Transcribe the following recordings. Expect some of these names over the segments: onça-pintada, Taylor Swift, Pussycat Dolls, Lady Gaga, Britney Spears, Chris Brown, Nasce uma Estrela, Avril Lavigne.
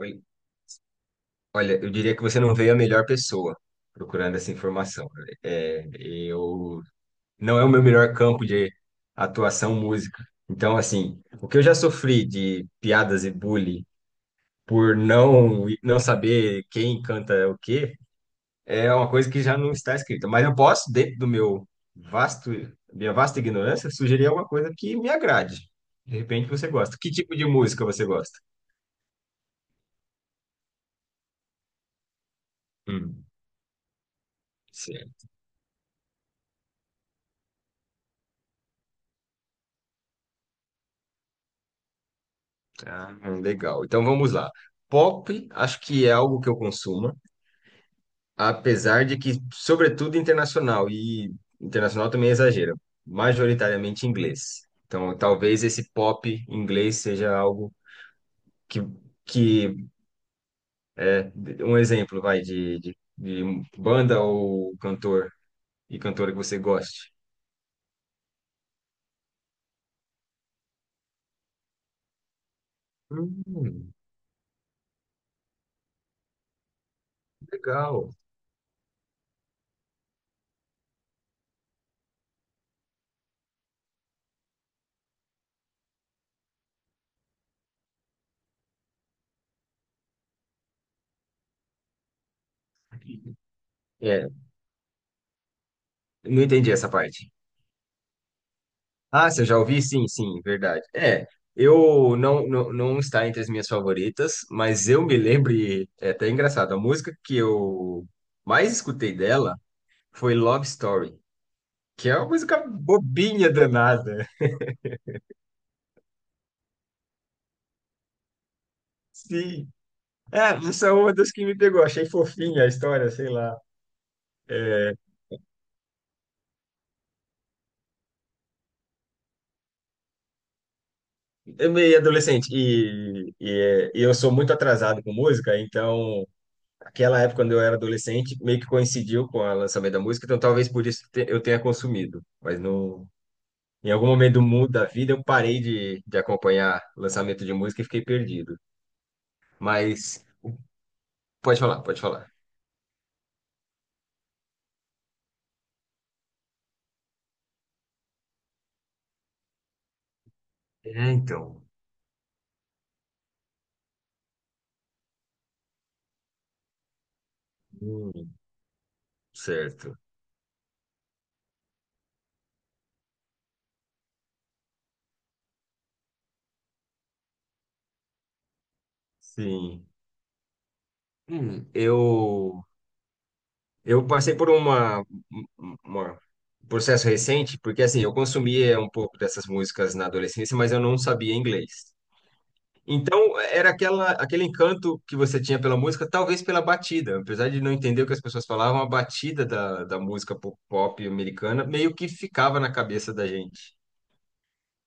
Oi. Olha, eu diria que você não veio a melhor pessoa procurando essa informação, né? É, eu não é o meu melhor campo de atuação música. Então, assim, o que eu já sofri de piadas e bullying por não saber quem canta o quê, é uma coisa que já não está escrita. Mas eu posso, dentro do meu vasto minha vasta ignorância, sugerir alguma coisa que me agrade. De repente você gosta. Que tipo de música você gosta? Hum. Ah, legal. Então vamos lá. Pop, acho que é algo que eu consumo, apesar de que, sobretudo internacional, e internacional também é exagero, majoritariamente inglês. Então talvez esse pop inglês seja algo que, que é, um exemplo, vai, de banda ou cantor e cantora que você goste. Hum, legal. É, não entendi essa parte. Ah, você já ouvi? Sim, sim, verdade. É, eu não está entre as minhas favoritas, mas eu me lembro, e é até engraçado, a música que eu mais escutei dela foi Love Story, que é uma música bobinha danada. Sim. É, essa é uma das que me pegou, achei fofinha a história, sei lá. É meio adolescente e eu sou muito atrasado com música, então aquela época, quando eu era adolescente, meio que coincidiu com o lançamento da música, então talvez eu tenha consumido. Mas no, em algum momento do mundo da vida, eu parei de acompanhar o lançamento de música e fiquei perdido. Mas pode falar, pode falar. É, então. Hum, certo. Sim. Hum, eu, eu passei por uma- um processo recente, porque assim, eu consumia um pouco dessas músicas na adolescência, mas eu não sabia inglês. Então, aquele encanto que você tinha pela música, talvez pela batida. Apesar de não entender o que as pessoas falavam, a batida da música pop, pop americana meio que ficava na cabeça da gente.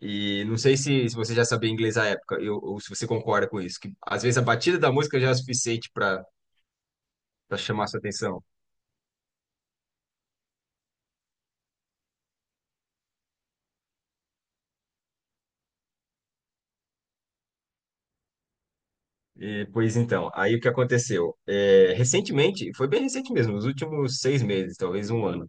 E não sei se, se você já sabia inglês à época, ou se você concorda com isso, que às vezes a batida da música já é o suficiente para chamar sua atenção. E, pois então, aí o que aconteceu? É, recentemente, foi bem recente mesmo, nos últimos 6 meses, talvez um ano.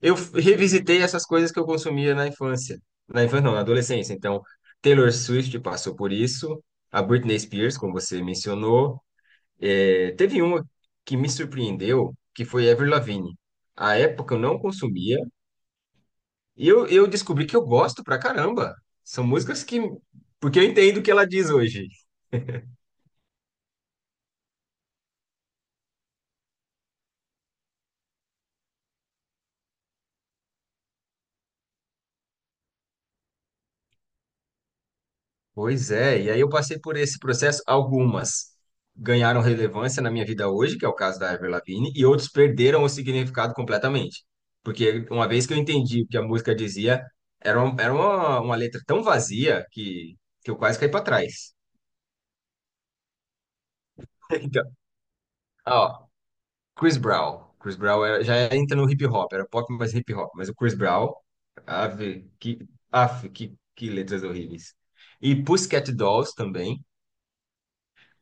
Eu revisitei essas coisas que eu consumia na infância. Na infância, não, na adolescência. Então, Taylor Swift passou por isso, a Britney Spears, como você mencionou. É, teve uma que me surpreendeu, que foi Avril Lavigne. À época eu não consumia, e eu descobri que eu gosto pra caramba. São músicas que. Porque eu entendo o que ela diz hoje. Pois é, e aí eu passei por esse processo. Algumas ganharam relevância na minha vida hoje, que é o caso da Avril Lavigne, e outros perderam o significado completamente. Porque uma vez que eu entendi o que a música dizia, era uma letra tão vazia que eu quase caí para trás. Então, ó, Chris Brown. Chris Brown era- já entra no hip hop, era pop, mas hip hop. Mas o Chris Brown, ave, que, af, que letras horríveis. E Pussycat Dolls também.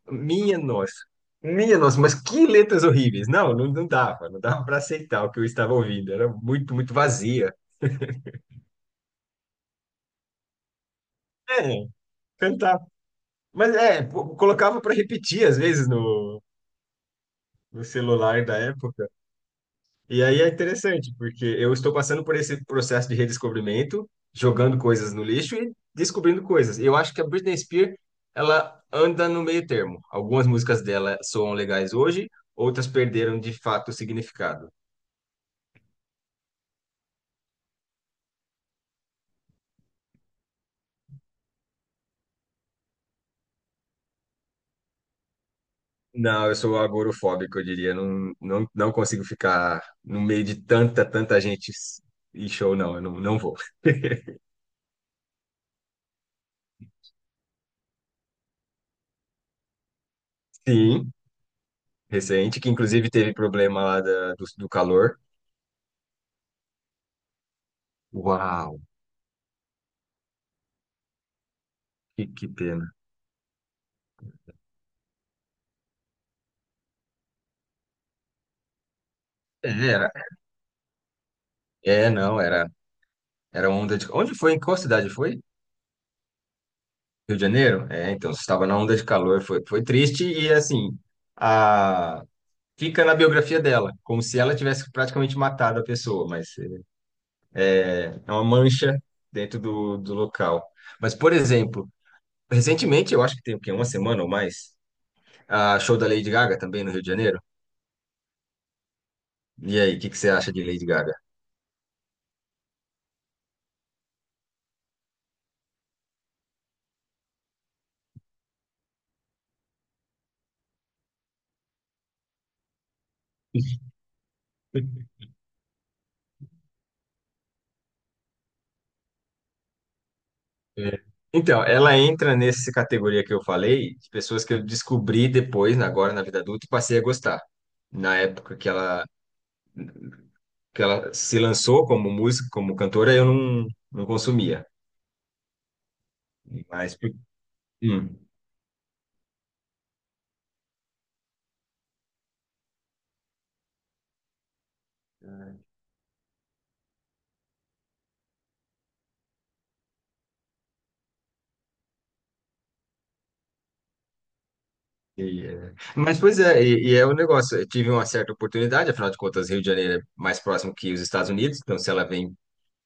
Minha nossa. Minha nossa, mas que letras horríveis. Não dava, para aceitar o que eu estava ouvindo. Era muito, muito vazia. É, cantar. Mas é, pô, colocava para repetir às vezes no no celular da época. E aí é interessante, porque eu estou passando por esse processo de redescobrimento, jogando coisas no lixo e descobrindo coisas. Eu acho que a Britney Spears, ela anda no meio termo. Algumas músicas dela soam legais hoje, outras perderam de fato o significado. Não, eu sou agorofóbico, eu diria. Não consigo ficar no meio de tanta, tanta gente e show, não. Eu não vou. Sim, recente, que inclusive teve problema lá do calor. Uau, que pena. É, Era, não, era onda de. Onde foi? Em qual cidade foi? Rio de Janeiro? É, então, você estava na onda de calor, foi, triste e assim, a, fica na biografia dela, como se ela tivesse praticamente matado a pessoa, mas é uma mancha dentro do local. Mas, por exemplo, recentemente, eu acho que tem o quê? Uma semana ou mais, a show da Lady Gaga também no Rio de Janeiro. E aí, o que que você acha de Lady Gaga? É. Então, ela entra nessa categoria que eu falei, de pessoas que eu descobri depois, agora na vida adulta, e passei a gostar. Na época que ela se lançou como música, como cantora, eu não consumia. Mas, por- hum. E, é. Mas, pois é, e é o negócio. Eu tive uma certa oportunidade, afinal de contas, Rio de Janeiro é mais próximo que os Estados Unidos, então se ela vem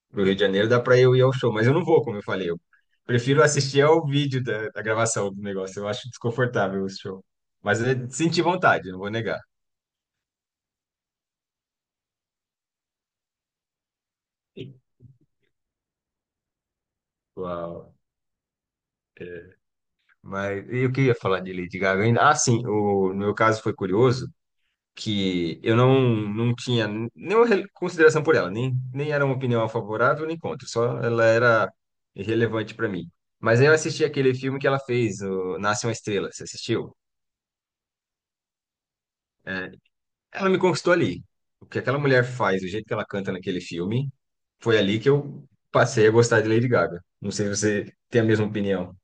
pro Rio de Janeiro, dá para eu ir ao show, mas eu não vou, como eu falei. Eu prefiro assistir ao vídeo da gravação do negócio, eu acho desconfortável o show. Mas eu senti vontade, não vou negar. Uau. Mas e o que eu ia falar de Lady Gaga ainda? Ah, sim, o, no meu caso foi curioso. Que eu não tinha consideração por ela, nem era uma opinião favorável nem contra, só ela era irrelevante para mim. Mas aí eu assisti aquele filme que ela fez, o Nasce uma Estrela, você assistiu? É, ela me conquistou ali. O que aquela mulher faz, o jeito que ela canta naquele filme, foi ali que eu passei a gostar de Lady Gaga. Não sei se você tem a mesma opinião.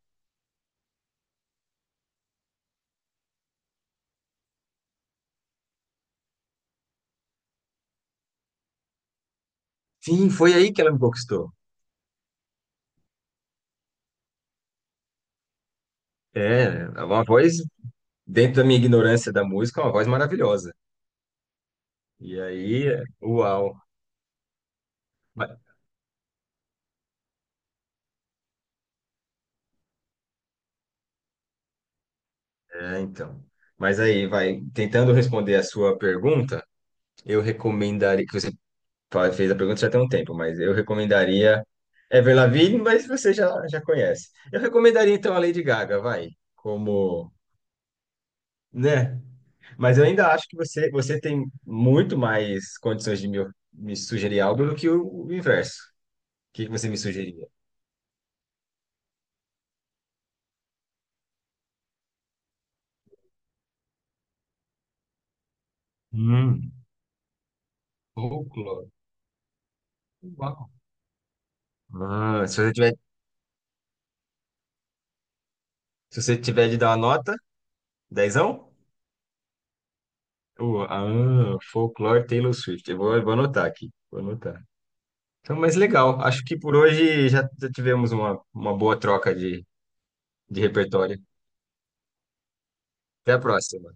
Sim, foi aí que ela me conquistou. É, é uma voz, dentro da minha ignorância da música, é uma voz maravilhosa. E aí, uau. É, então. Mas aí, vai, tentando responder a sua pergunta, eu recomendaria, que você fez a pergunta já tem um tempo, mas eu recomendaria Ever Lavigne, mas você já conhece. Eu recomendaria então a Lady Gaga, vai, como, né? Mas eu ainda acho que você tem muito mais condições de me, sugerir algo do que o, inverso. O que que você me sugeriria? Hum, folclore. Uau. Ah, se você tiver, de dar uma nota, dezão? O, ah, folklore, Taylor Swift. Eu vou anotar aqui. Vou anotar. Então, mas legal. Acho que por hoje já tivemos uma, boa troca de, repertório. Até a próxima.